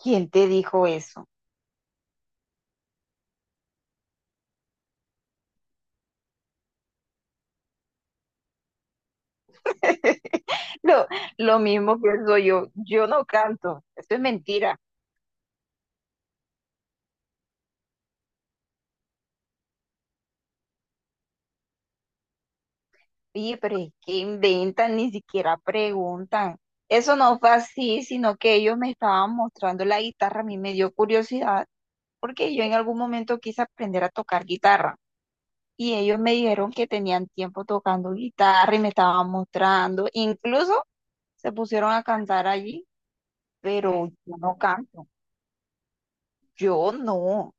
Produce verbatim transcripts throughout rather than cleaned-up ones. ¿Quién te dijo eso? Lo, lo mismo pienso yo, yo no canto, eso es mentira. Oye, pero es que inventan, ni siquiera preguntan. Eso no fue así, sino que ellos me estaban mostrando la guitarra, a mí me dio curiosidad, porque yo en algún momento quise aprender a tocar guitarra. Y ellos me dijeron que tenían tiempo tocando guitarra y me estaban mostrando. Incluso se pusieron a cantar allí, pero yo no canto, yo no.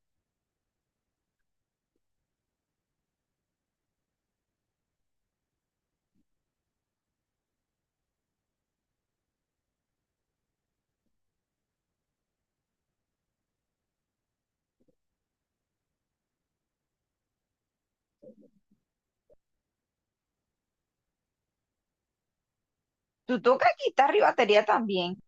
Tú tocas guitarra y batería también.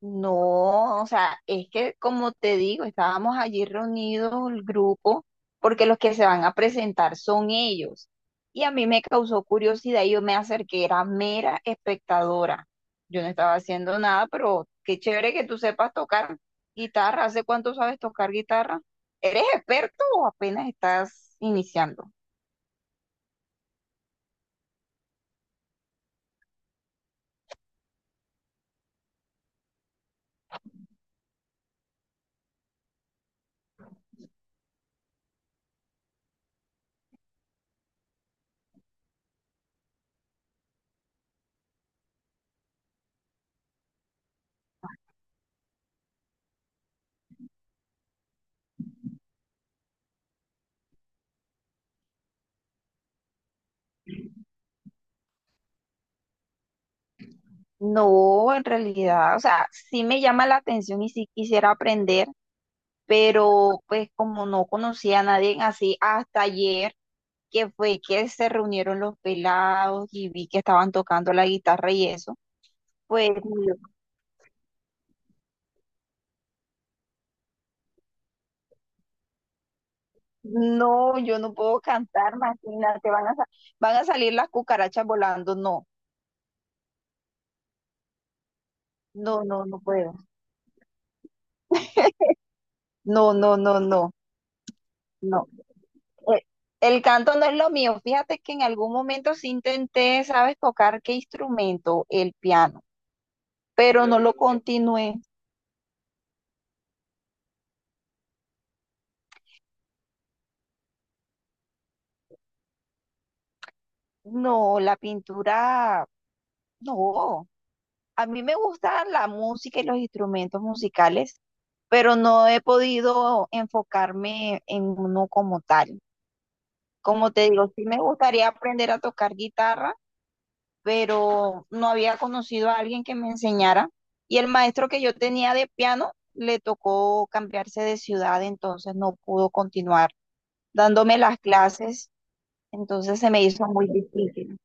No, o sea, es que como te digo, estábamos allí reunidos el grupo porque los que se van a presentar son ellos. Y a mí me causó curiosidad y yo me acerqué, era mera espectadora. Yo no estaba haciendo nada, pero qué chévere que tú sepas tocar guitarra. ¿Hace cuánto sabes tocar guitarra? ¿Eres experto o apenas estás iniciando? No, en realidad, o sea, sí me llama la atención y sí quisiera aprender, pero pues como no conocía a nadie así hasta ayer, que fue que se reunieron los pelados y vi que estaban tocando la guitarra y eso, pues yo, no, yo no puedo cantar, imagínate, van a, sa- van a salir las cucarachas volando, no, no, no, no puedo, no, no, no, no, no. Eh, El canto no es lo mío. Fíjate que en algún momento sí intenté, ¿sabes? Tocar qué instrumento, el piano, pero no lo continué. No, la pintura. No, a mí me gusta la música y los instrumentos musicales, pero no he podido enfocarme en uno como tal. Como te digo, sí me gustaría aprender a tocar guitarra, pero no había conocido a alguien que me enseñara. Y el maestro que yo tenía de piano le tocó cambiarse de ciudad, entonces no pudo continuar dándome las clases, entonces se me hizo muy difícil.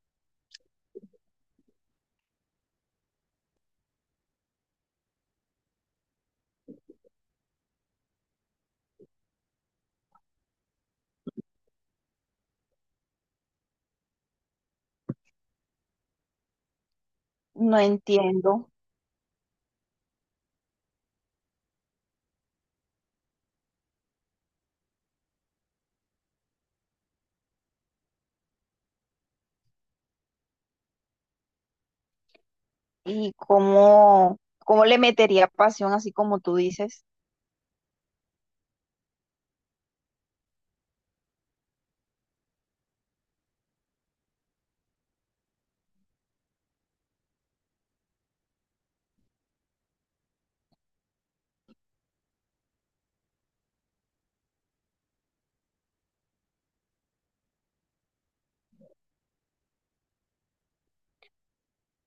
No entiendo. y cómo, ¿Cómo le metería pasión, así como tú dices?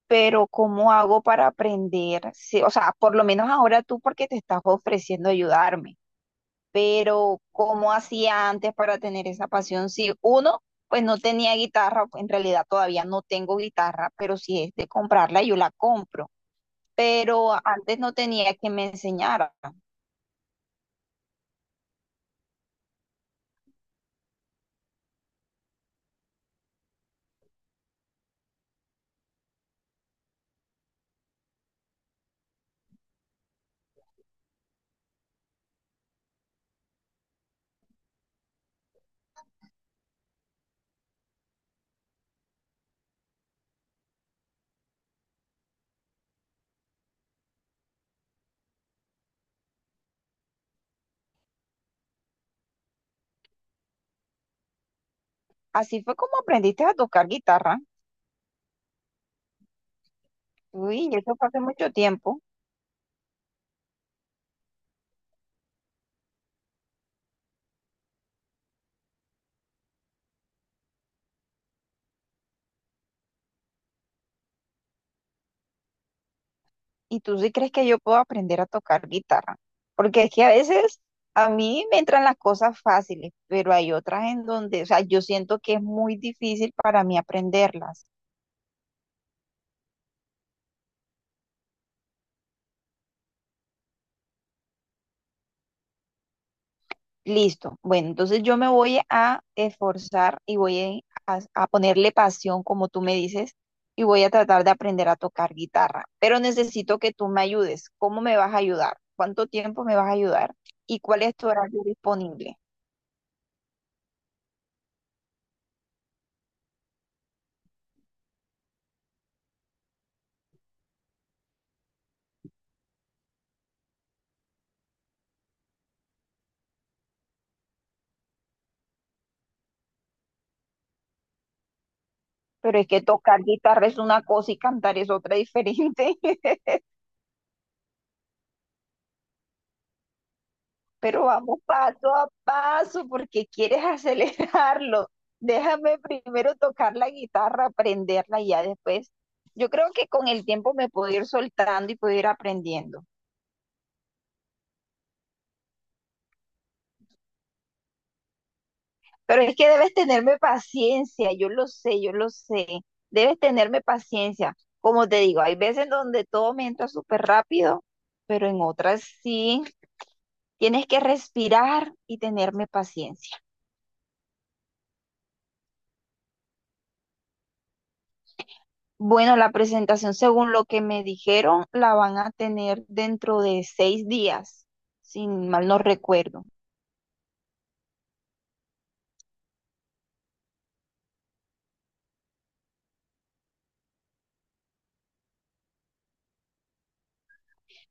Pero ¿cómo hago para aprender? Sí, o sea, por lo menos ahora tú porque te estás ofreciendo ayudarme, pero ¿cómo hacía antes para tener esa pasión, si uno, pues no tenía guitarra? En realidad todavía no tengo guitarra, pero si es de comprarla, yo la compro, pero antes no tenía que me enseñara. Así fue como aprendiste a tocar guitarra. Uy, eso fue hace mucho tiempo. ¿Y tú sí crees que yo puedo aprender a tocar guitarra? Porque es que a veces a mí me entran las cosas fáciles, pero hay otras en donde, o sea, yo siento que es muy difícil para mí aprenderlas. Listo. Bueno, entonces yo me voy a esforzar y voy a, a ponerle pasión, como tú me dices, y voy a tratar de aprender a tocar guitarra. Pero necesito que tú me ayudes. ¿Cómo me vas a ayudar? ¿Cuánto tiempo me vas a ayudar? ¿Y cuál es tu horario disponible? Pero es que tocar guitarra es una cosa y cantar es otra diferente. Pero vamos paso a paso porque quieres acelerarlo. Déjame primero tocar la guitarra, aprenderla y ya después. Yo creo que con el tiempo me puedo ir soltando y puedo ir aprendiendo. Pero es que debes tenerme paciencia, yo lo sé, yo lo sé. Debes tenerme paciencia. Como te digo, hay veces donde todo me entra súper rápido, pero en otras sí. Tienes que respirar y tenerme paciencia. Bueno, la presentación, según lo que me dijeron, la van a tener dentro de seis días, si mal no recuerdo.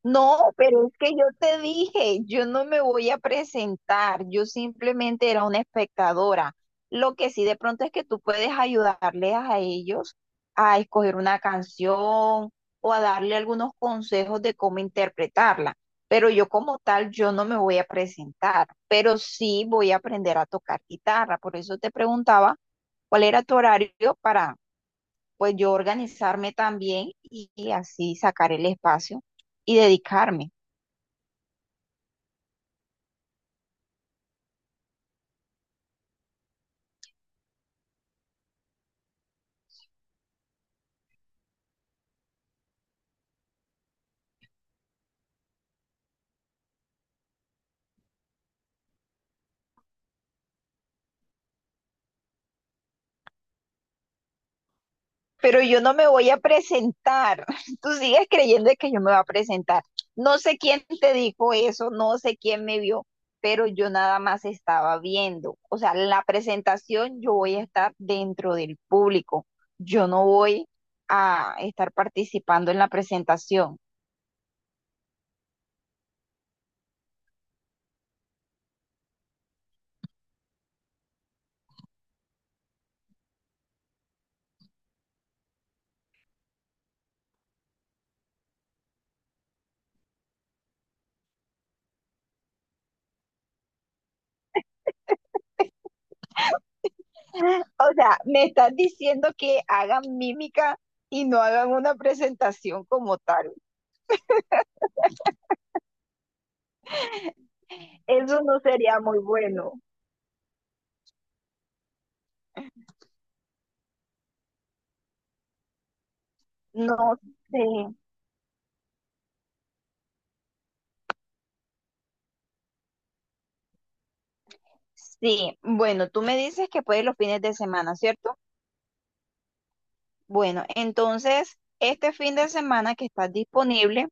No, pero es que yo te dije, yo no me voy a presentar, yo simplemente era una espectadora. Lo que sí de pronto es que tú puedes ayudarles a ellos a escoger una canción o a darle algunos consejos de cómo interpretarla. Pero yo como tal, yo no me voy a presentar, pero sí voy a aprender a tocar guitarra. Por eso te preguntaba cuál era tu horario para, pues yo organizarme también y, y así sacar el espacio y dedicarme. Pero yo no me voy a presentar. Tú sigues creyendo que yo me voy a presentar. No sé quién te dijo eso, no sé quién me vio, pero yo nada más estaba viendo. O sea, la presentación yo voy a estar dentro del público. Yo no voy a estar participando en la presentación. O sea, me estás diciendo que hagan mímica y no hagan una presentación como tal. Eso no sería muy bueno. No sé. Sí, bueno, tú me dices que puedes los fines de semana, ¿cierto? Bueno, entonces, este fin de semana que estás disponible,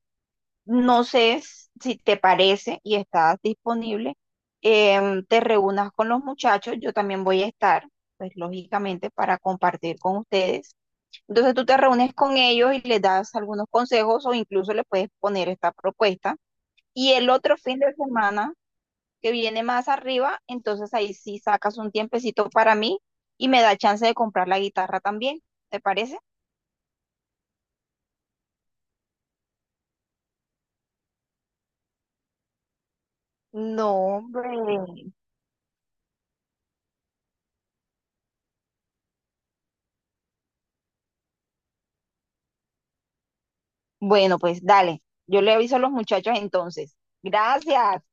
no sé s- si te parece y estás disponible, em, te reúnas con los muchachos, yo también voy a estar, pues lógicamente, para compartir con ustedes. Entonces tú te reúnes con ellos y les das algunos consejos o incluso le puedes poner esta propuesta. Y el otro fin de semana que viene más arriba, entonces ahí sí sacas un tiempecito para mí y me da chance de comprar la guitarra también. ¿Te parece? No, hombre. Bueno, pues dale. Yo le aviso a los muchachos entonces. Gracias.